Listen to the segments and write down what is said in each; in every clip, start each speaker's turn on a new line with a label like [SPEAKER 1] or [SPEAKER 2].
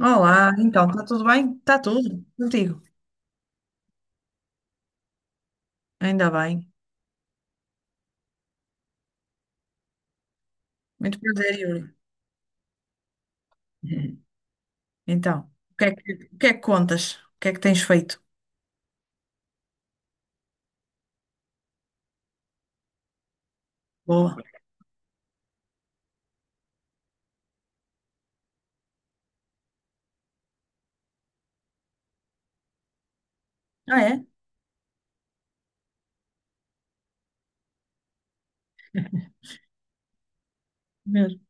[SPEAKER 1] Olá, então, está tudo bem? Está tudo, contigo. Ainda bem. Muito prazer, Yuri. Então, o que é que contas? O que é que tens feito? Boa. Ah, é? Mesmo.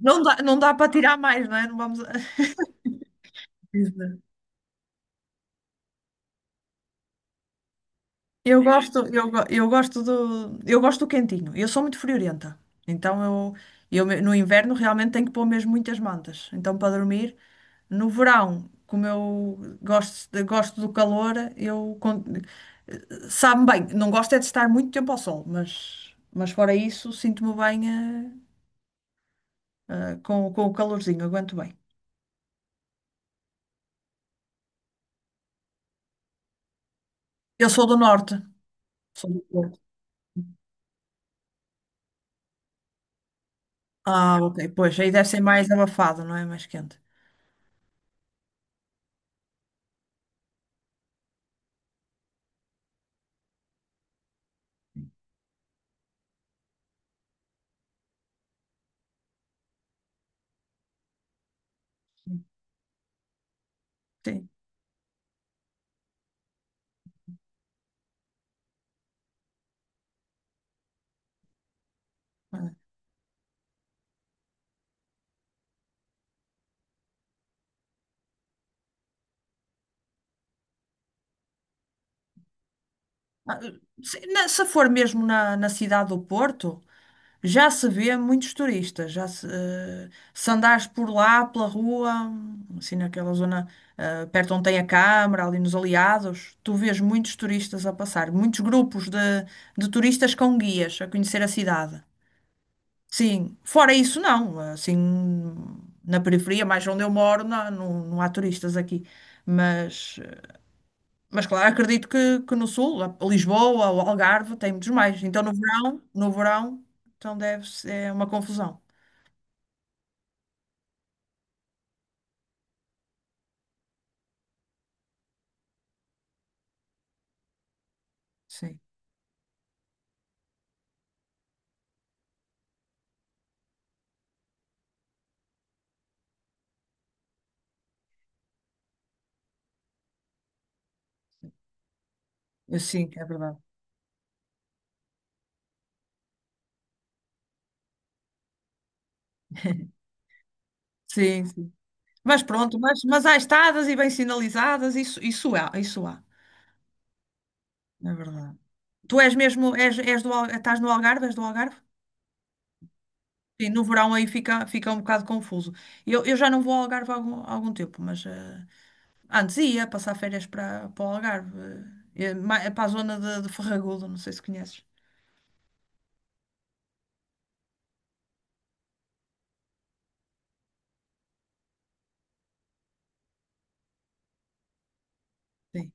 [SPEAKER 1] Não dá, não dá para tirar mais, não é? Não vamos. Eu gosto do quentinho. Eu sou muito friorenta. Então, no inverno realmente tenho que pôr mesmo muitas mantas. Então, para dormir, no verão, como eu gosto, gosto do calor, Sabe-me bem, não gosto é de estar muito tempo ao sol, mas fora isso, sinto-me bem, com o calorzinho, aguento bem. Eu sou do norte, sou do Porto. Ah, ok, pois, aí deve ser mais abafado, não é? Mais quente. Sim. Ah, Se for mesmo na cidade do Porto, já se vê muitos turistas. Já se, eh, Se andares por lá, pela rua, assim naquela zona, perto onde tem a Câmara, ali nos Aliados, tu vês muitos turistas a passar, muitos grupos de turistas com guias a conhecer a cidade. Sim, fora isso não, assim na periferia, mais onde eu moro, não, não, não há turistas aqui. Mas, eh, mas claro, acredito que no sul, Lisboa, o Algarve, tem muitos mais. Então no verão, no verão, então deve ser uma confusão. Sim, eu sim, é verdade. Sim, sim. Mas pronto, mas há estadas e bem sinalizadas, isso, isso há, é verdade. Tu és mesmo, és estás no Algarve, és do Algarve? Sim, no verão aí fica um bocado confuso. Eu já não vou ao Algarve há algum tempo, mas antes ia passar férias para o Algarve, para a zona de Ferragudo, não sei se conheces. Sim.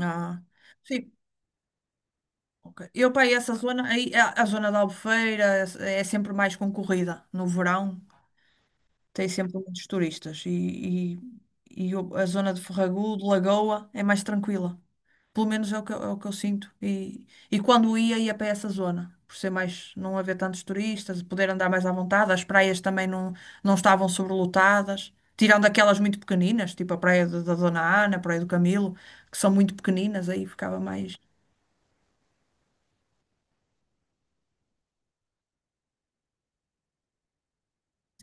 [SPEAKER 1] Ah, sim. Ok. Eu para essa zona, aí, a zona da Albufeira é sempre mais concorrida no verão. Tem sempre muitos turistas. A zona de Ferragudo, de Lagoa, é mais tranquila. Pelo menos é é o que eu sinto. E quando ia para essa zona. Por ser mais, não haver tantos turistas, poder andar mais à vontade. As praias também não estavam sobrelotadas. Tirando aquelas muito pequeninas, tipo a praia da Dona Ana, a praia do Camilo, que são muito pequeninas, aí ficava mais.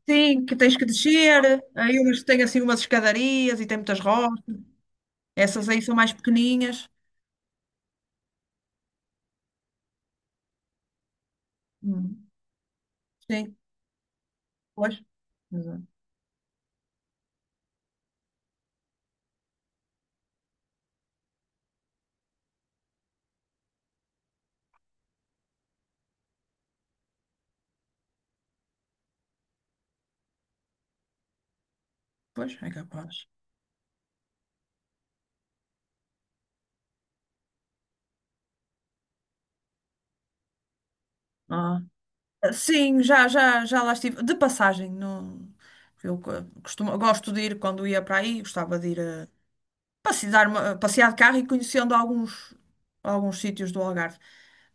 [SPEAKER 1] Sim, que tens que descer. Aí umas que têm assim umas escadarias e tem muitas rochas. Essas aí são mais pequenininhas. Hum. Sim. Pois. Exato. Pois, é capaz. Ah. Sim, já lá estive. De passagem, não. eu co- Costumo, gosto de ir quando ia para aí, gostava de ir a passear, passear de carro e conhecendo alguns sítios do Algarve.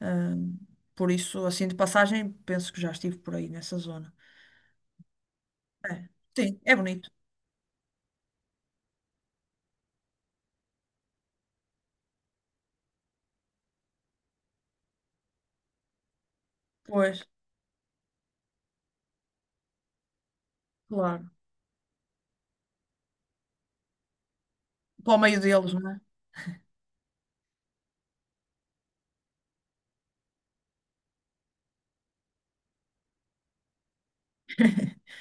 [SPEAKER 1] Ah, por isso, assim, de passagem, penso que já estive por aí nessa zona. É. Sim, é bonito. Pois, claro. Para o meio deles, não é?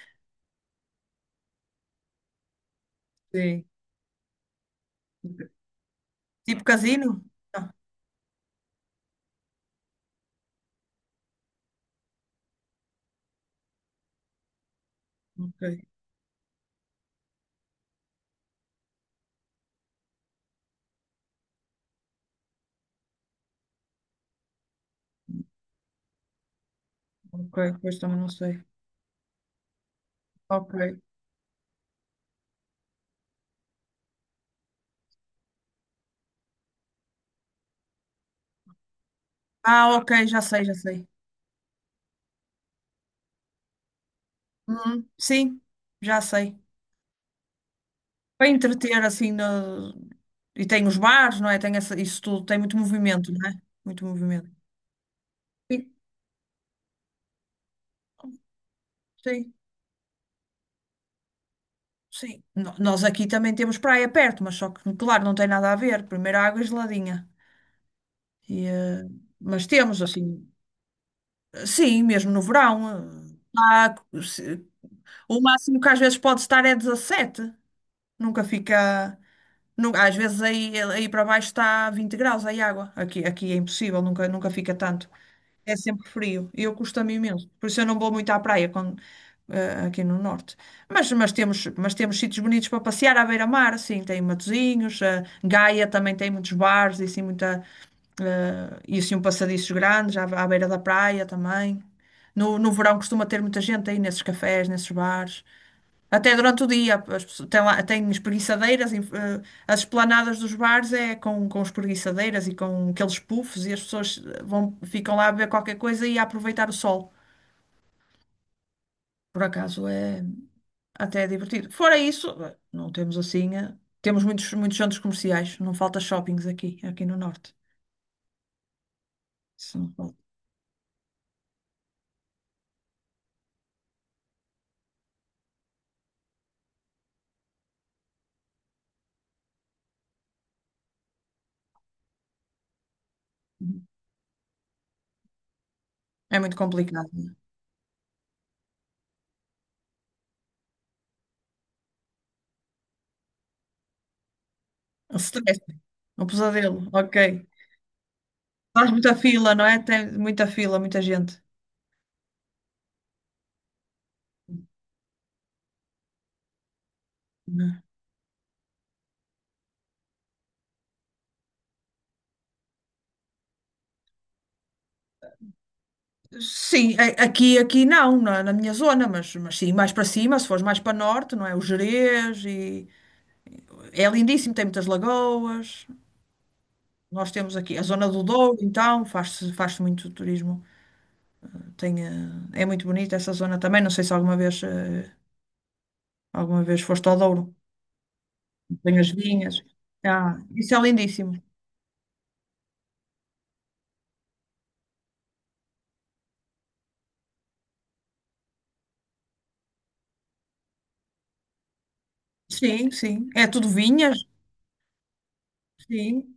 [SPEAKER 1] Sim. Tipo casino? Não. Ok, ok, pois também não sei. Ok. Ah, ok, já sei, já sei. Uhum, sim, já sei. Para entreter assim no... e tem os bares, não é? Tem isso tudo, tem muito movimento, não é? Muito movimento. Sim, sim, sim. Nós aqui também temos praia perto, mas só que, claro, não tem nada a ver. Primeiro a água é geladinha. E, eh, Mas temos assim, sim, mesmo no verão. Se- O máximo que às vezes pode estar é 17. Nunca fica. Às vezes aí para baixo está 20 graus aí água. Aqui é impossível, nunca fica tanto. É sempre frio e eu custa-me imenso. Por isso eu não vou muito à praia quando, aqui no norte. Mas temos sítios bonitos para passear à beira-mar, assim, tem Matosinhos, Gaia também tem muitos bares e assim, e assim um passadiços grandes à beira da praia também. No verão costuma ter muita gente aí nesses cafés, nesses bares. Até durante o dia, as pessoas- tem, lá- tem espreguiçadeiras, as esplanadas dos bares é com espreguiçadeiras e com aqueles puffs e as pessoas ficam lá a beber qualquer coisa e a aproveitar o sol. Por acaso é até divertido. Fora isso, não temos assim, temos muitos, muitos centros comerciais, não falta shoppings aqui no norte. Isso não falta. É muito complicado, né? O stress, o pesadelo, ok. Faz muita fila, não é? Tem muita fila, muita gente. Sim, aqui não, na minha zona, mas sim, mais para cima, se fores mais para norte, não é? O Gerês e é lindíssimo, tem muitas lagoas. Nós temos aqui a zona do Douro, então faz-se muito turismo. Tem, eh, É muito bonita essa zona também. Não sei se alguma vez foste ao Douro. Tem as vinhas. Ah, isso é lindíssimo. Sim, sim. É tudo vinhas. Sim.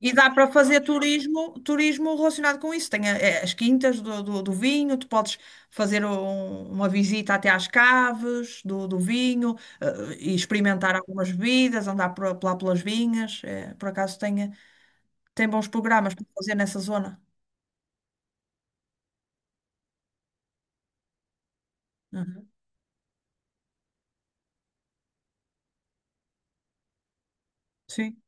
[SPEAKER 1] E dá para fazer turismo, turismo relacionado com isso. Tem as quintas do vinho, tu podes fazer uma visita até às caves do vinho, e experimentar algumas bebidas, andar lá pelas vinhas. Por acaso tem bons programas para fazer nessa zona. Uhum. Sim,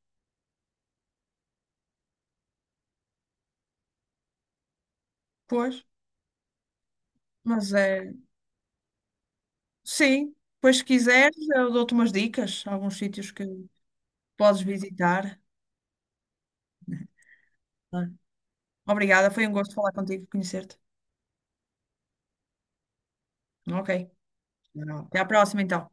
[SPEAKER 1] pois. Mas é. Sim, pois se quiseres, eu dou-te umas dicas, alguns sítios que podes visitar. Ah. Obrigada, foi um gosto falar contigo, conhecer-te. Ok. Tchau. Até à próxima, então.